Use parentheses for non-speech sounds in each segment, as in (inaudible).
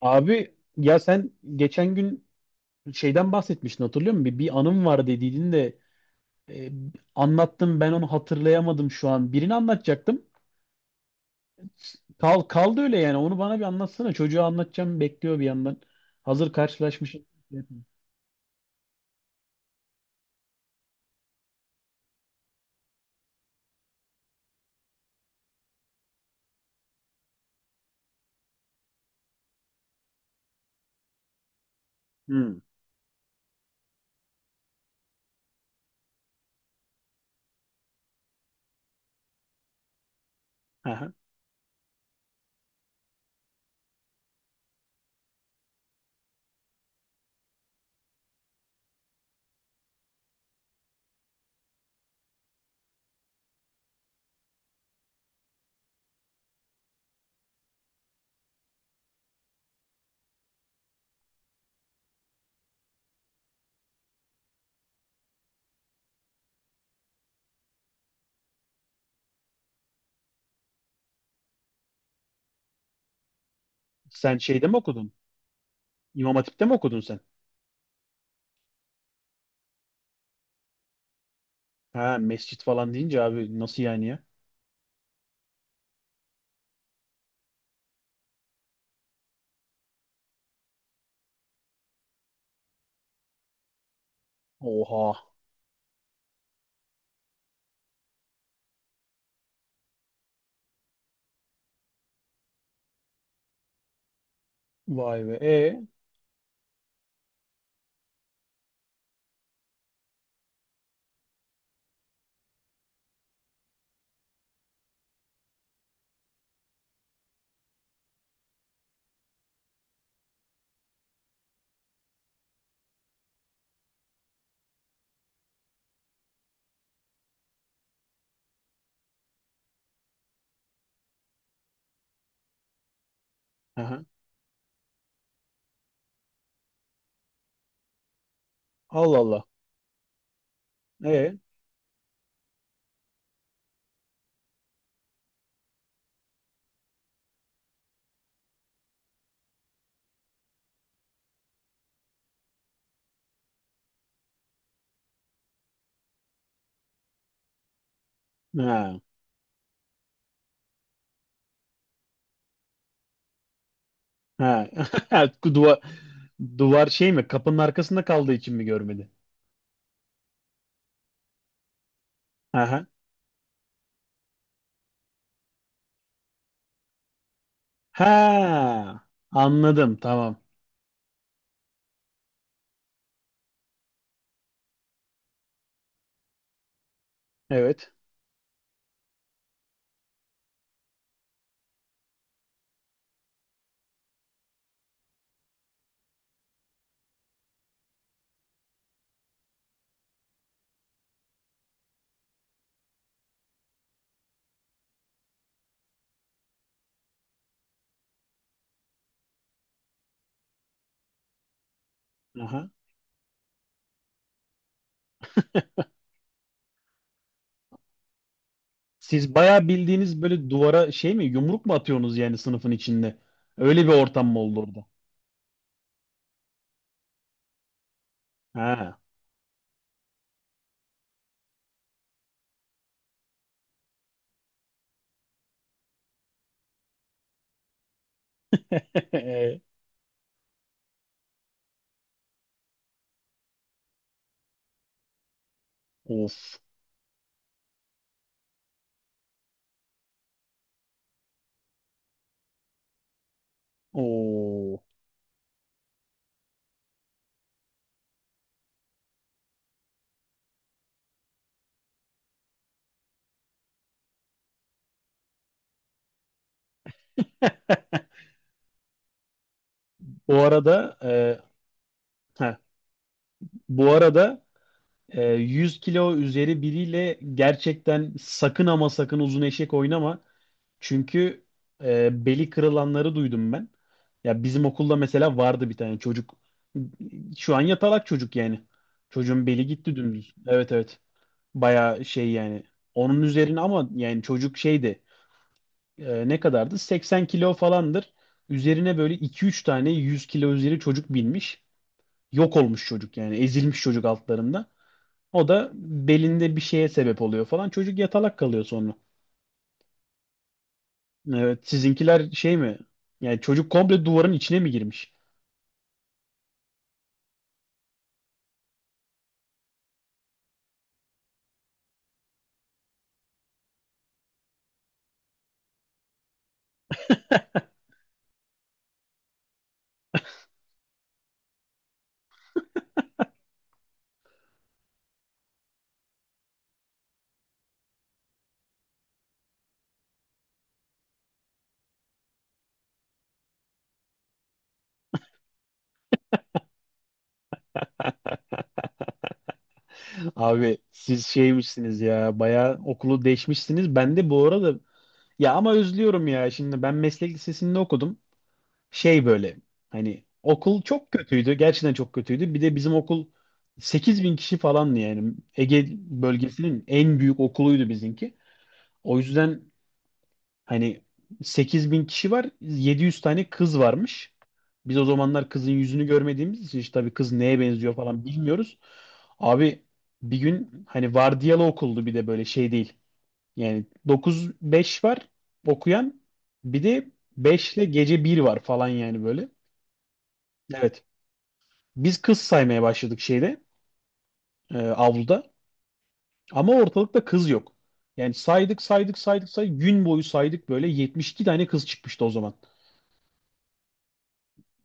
Abi ya sen geçen gün şeyden bahsetmiştin hatırlıyor musun? Bir anım var dediydin de e, anlattım ben onu hatırlayamadım şu an. Birini anlatacaktım. Kaldı öyle yani onu bana bir anlatsana. Çocuğa anlatacağım bekliyor bir yandan. Hazır karşılaşmışız. Hmm. Aha. Sen şeyde mi okudun? İmam Hatip'te mi okudun sen? Ha mescit falan deyince abi nasıl yani ya? Oha. Vay be. E. Aha. Allah Allah. E. Ha. Ha. (laughs) Duvar, duvar şey mi? Kapının arkasında kaldığı için mi görmedi? Aha. Ha, anladım. Tamam. Evet. Aha. Siz bayağı bildiğiniz böyle duvara şey mi? Yumruk mu atıyorsunuz yani sınıfın içinde? Öyle bir ortam mı oldu orada? Ha. (laughs) Of. Oo. (laughs) Bu arada e, heh, bu arada, 100 kilo üzeri biriyle gerçekten sakın ama sakın uzun eşek oynama. Çünkü beli kırılanları duydum ben. Ya bizim okulda mesela vardı bir tane çocuk. Şu an yatalak çocuk yani. Çocuğun beli gitti dümdüz. Evet, evet. Bayağı şey yani. Onun üzerine ama yani çocuk şeydi. Ne kadardı? 80 kilo falandır. Üzerine böyle iki üç tane 100 kilo üzeri çocuk binmiş. Yok olmuş çocuk yani. Ezilmiş çocuk altlarında. O da belinde bir şeye sebep oluyor falan. Çocuk yatalak kalıyor sonra. Evet, sizinkiler şey mi? Yani çocuk komple duvarın içine mi girmiş? Abi siz şeymişsiniz ya. Bayağı okulu değişmişsiniz. Ben de bu arada ya ama özlüyorum ya. Şimdi ben meslek lisesinde okudum. Şey böyle hani okul çok kötüydü. Gerçekten çok kötüydü. Bir de bizim okul 8.000 kişi falandı yani. Ege bölgesinin en büyük okuluydu bizimki. O yüzden hani 8.000 kişi var, 700 tane kız varmış. Biz o zamanlar kızın yüzünü görmediğimiz için işte tabii kız neye benziyor falan bilmiyoruz. Abi bir gün hani vardiyalı okuldu, bir de böyle şey değil. Yani 9-5 var okuyan, bir de 5 ile gece bir var falan yani böyle. Evet. Biz kız saymaya başladık şeyde, avluda, ama ortalıkta kız yok. Yani saydık saydık saydık saydık gün boyu saydık böyle, 72 tane kız çıkmıştı o zaman.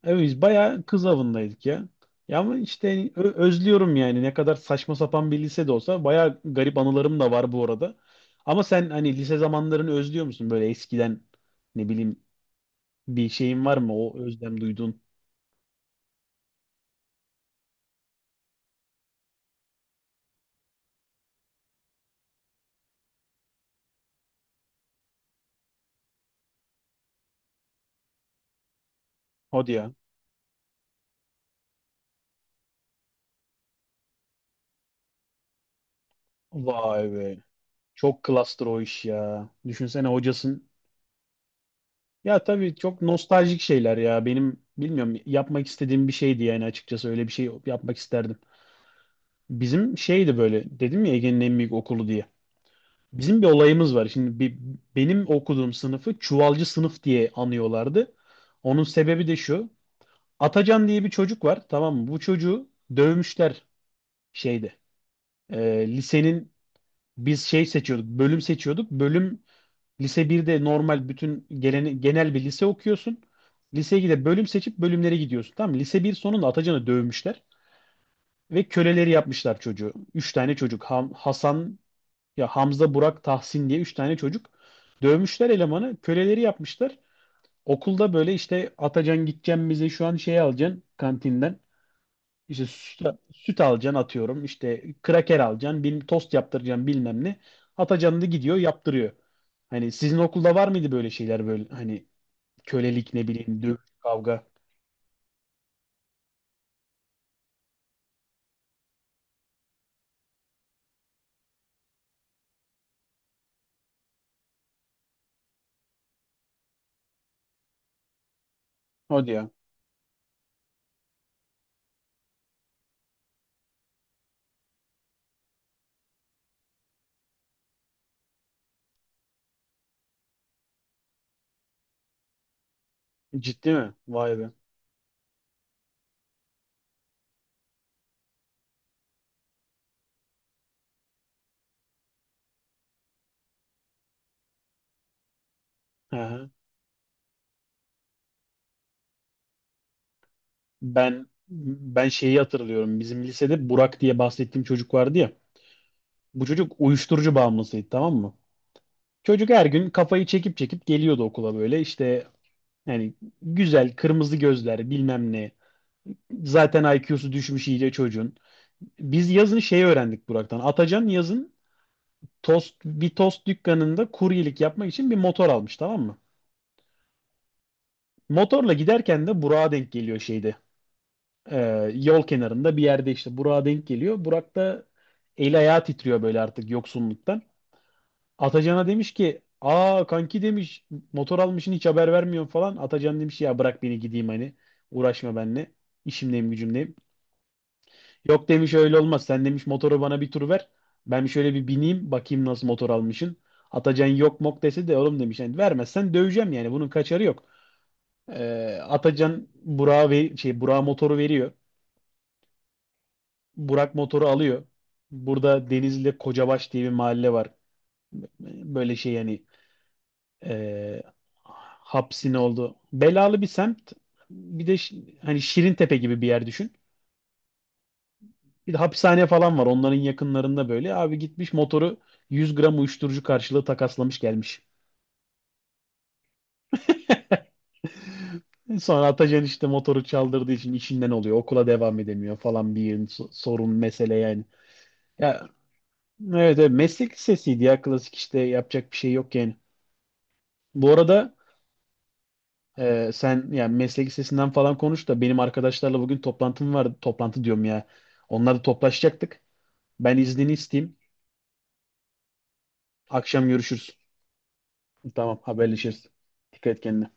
Evet, biz bayağı kız avındaydık ya. Ya ama işte hani özlüyorum yani ne kadar saçma sapan bir lise de olsa bayağı garip anılarım da var bu arada. Ama sen hani lise zamanlarını özlüyor musun böyle eskiden ne bileyim bir şeyin var mı o özlem duyduğun? Hadi ya. Vay be. Çok klastır o iş ya. Düşünsene hocasın. Ya tabii çok nostaljik şeyler ya. Benim bilmiyorum yapmak istediğim bir şeydi yani, açıkçası öyle bir şey yapmak isterdim. Bizim şeydi böyle, dedim ya, Ege'nin en büyük okulu diye. Bizim bir olayımız var. Şimdi benim okuduğum sınıfı çuvalcı sınıf diye anıyorlardı. Onun sebebi de şu. Atacan diye bir çocuk var. Tamam mı? Bu çocuğu dövmüşler şeyde. Lisenin biz şey seçiyorduk. Bölüm seçiyorduk. Bölüm, lise birde normal bütün genel bir lise okuyorsun. Liseye gidip bölüm seçip bölümlere gidiyorsun. Tamam mı? Lise bir sonunda Atacan'ı dövmüşler. Ve köleleri yapmışlar çocuğu. Üç tane çocuk. Hasan, ya Hamza, Burak, Tahsin diye üç tane çocuk. Dövmüşler elemanı. Köleleri yapmışlar. Okulda böyle işte Atacan gideceğim bize şu an şey alacaksın kantinden. İşte süt alacaksın atıyorum. İşte kraker alacaksın. Tost yaptıracaksın bilmem ne. Atacan da gidiyor yaptırıyor. Hani sizin okulda var mıydı böyle şeyler, böyle hani kölelik, ne bileyim, dövüş, kavga. Hadi ya. Ciddi mi? Vay be. Hı hı. Ben şeyi hatırlıyorum. Bizim lisede Burak diye bahsettiğim çocuk vardı ya. Bu çocuk uyuşturucu bağımlısıydı, tamam mı? Çocuk her gün kafayı çekip çekip geliyordu okula, böyle işte yani güzel kırmızı gözler, bilmem ne. Zaten IQ'su düşmüş iyice çocuğun. Biz yazın şey öğrendik Burak'tan. Atacan yazın bir tost dükkanında kuryelik yapmak için bir motor almış, tamam mı? Motorla giderken de Burak'a denk geliyor şeyde. Yol kenarında bir yerde işte Burak'a denk geliyor. Burak da eli ayağı titriyor böyle artık yoksunluktan. Atacan'a demiş ki, "Aa, kanki," demiş, "motor almışsın, hiç haber vermiyorsun," falan. Atacan demiş, "Ya bırak beni gideyim, hani uğraşma benimle. İşimdeyim gücümdeyim." "Yok," demiş, "öyle olmaz. Sen," demiş, "motoru bana bir tur ver. Ben şöyle bir bineyim, bakayım nasıl motor almışsın." Atacan yok mok dese de, "Oğlum," demiş, "yani vermezsen döveceğim, yani bunun kaçarı yok." Atacan Burak'a ve şey Burak motoru veriyor. Burak motoru alıyor. Burada Denizli'de Kocabaş diye bir mahalle var. Böyle şey yani, e, hapsin oldu. Belalı bir semt. Bir de hani Şirintepe gibi bir yer düşün. Bir de hapishane falan var onların yakınlarında böyle. Abi gitmiş motoru 100 gram uyuşturucu karşılığı takaslamış gelmiş. Sonra Atacan işte motoru çaldırdığı için işinden oluyor. Okula devam edemiyor falan, bir yığın sorun, mesele yani. Ya evet, evet meslek lisesiydi ya, klasik işte, yapacak bir şey yok yani. Bu arada, sen yani meslek lisesinden falan konuş da, benim arkadaşlarla bugün toplantım vardı. Toplantı diyorum ya. Onlarla toplaşacaktık. Ben iznini isteyeyim. Akşam görüşürüz. Tamam, haberleşiriz. Dikkat et kendine.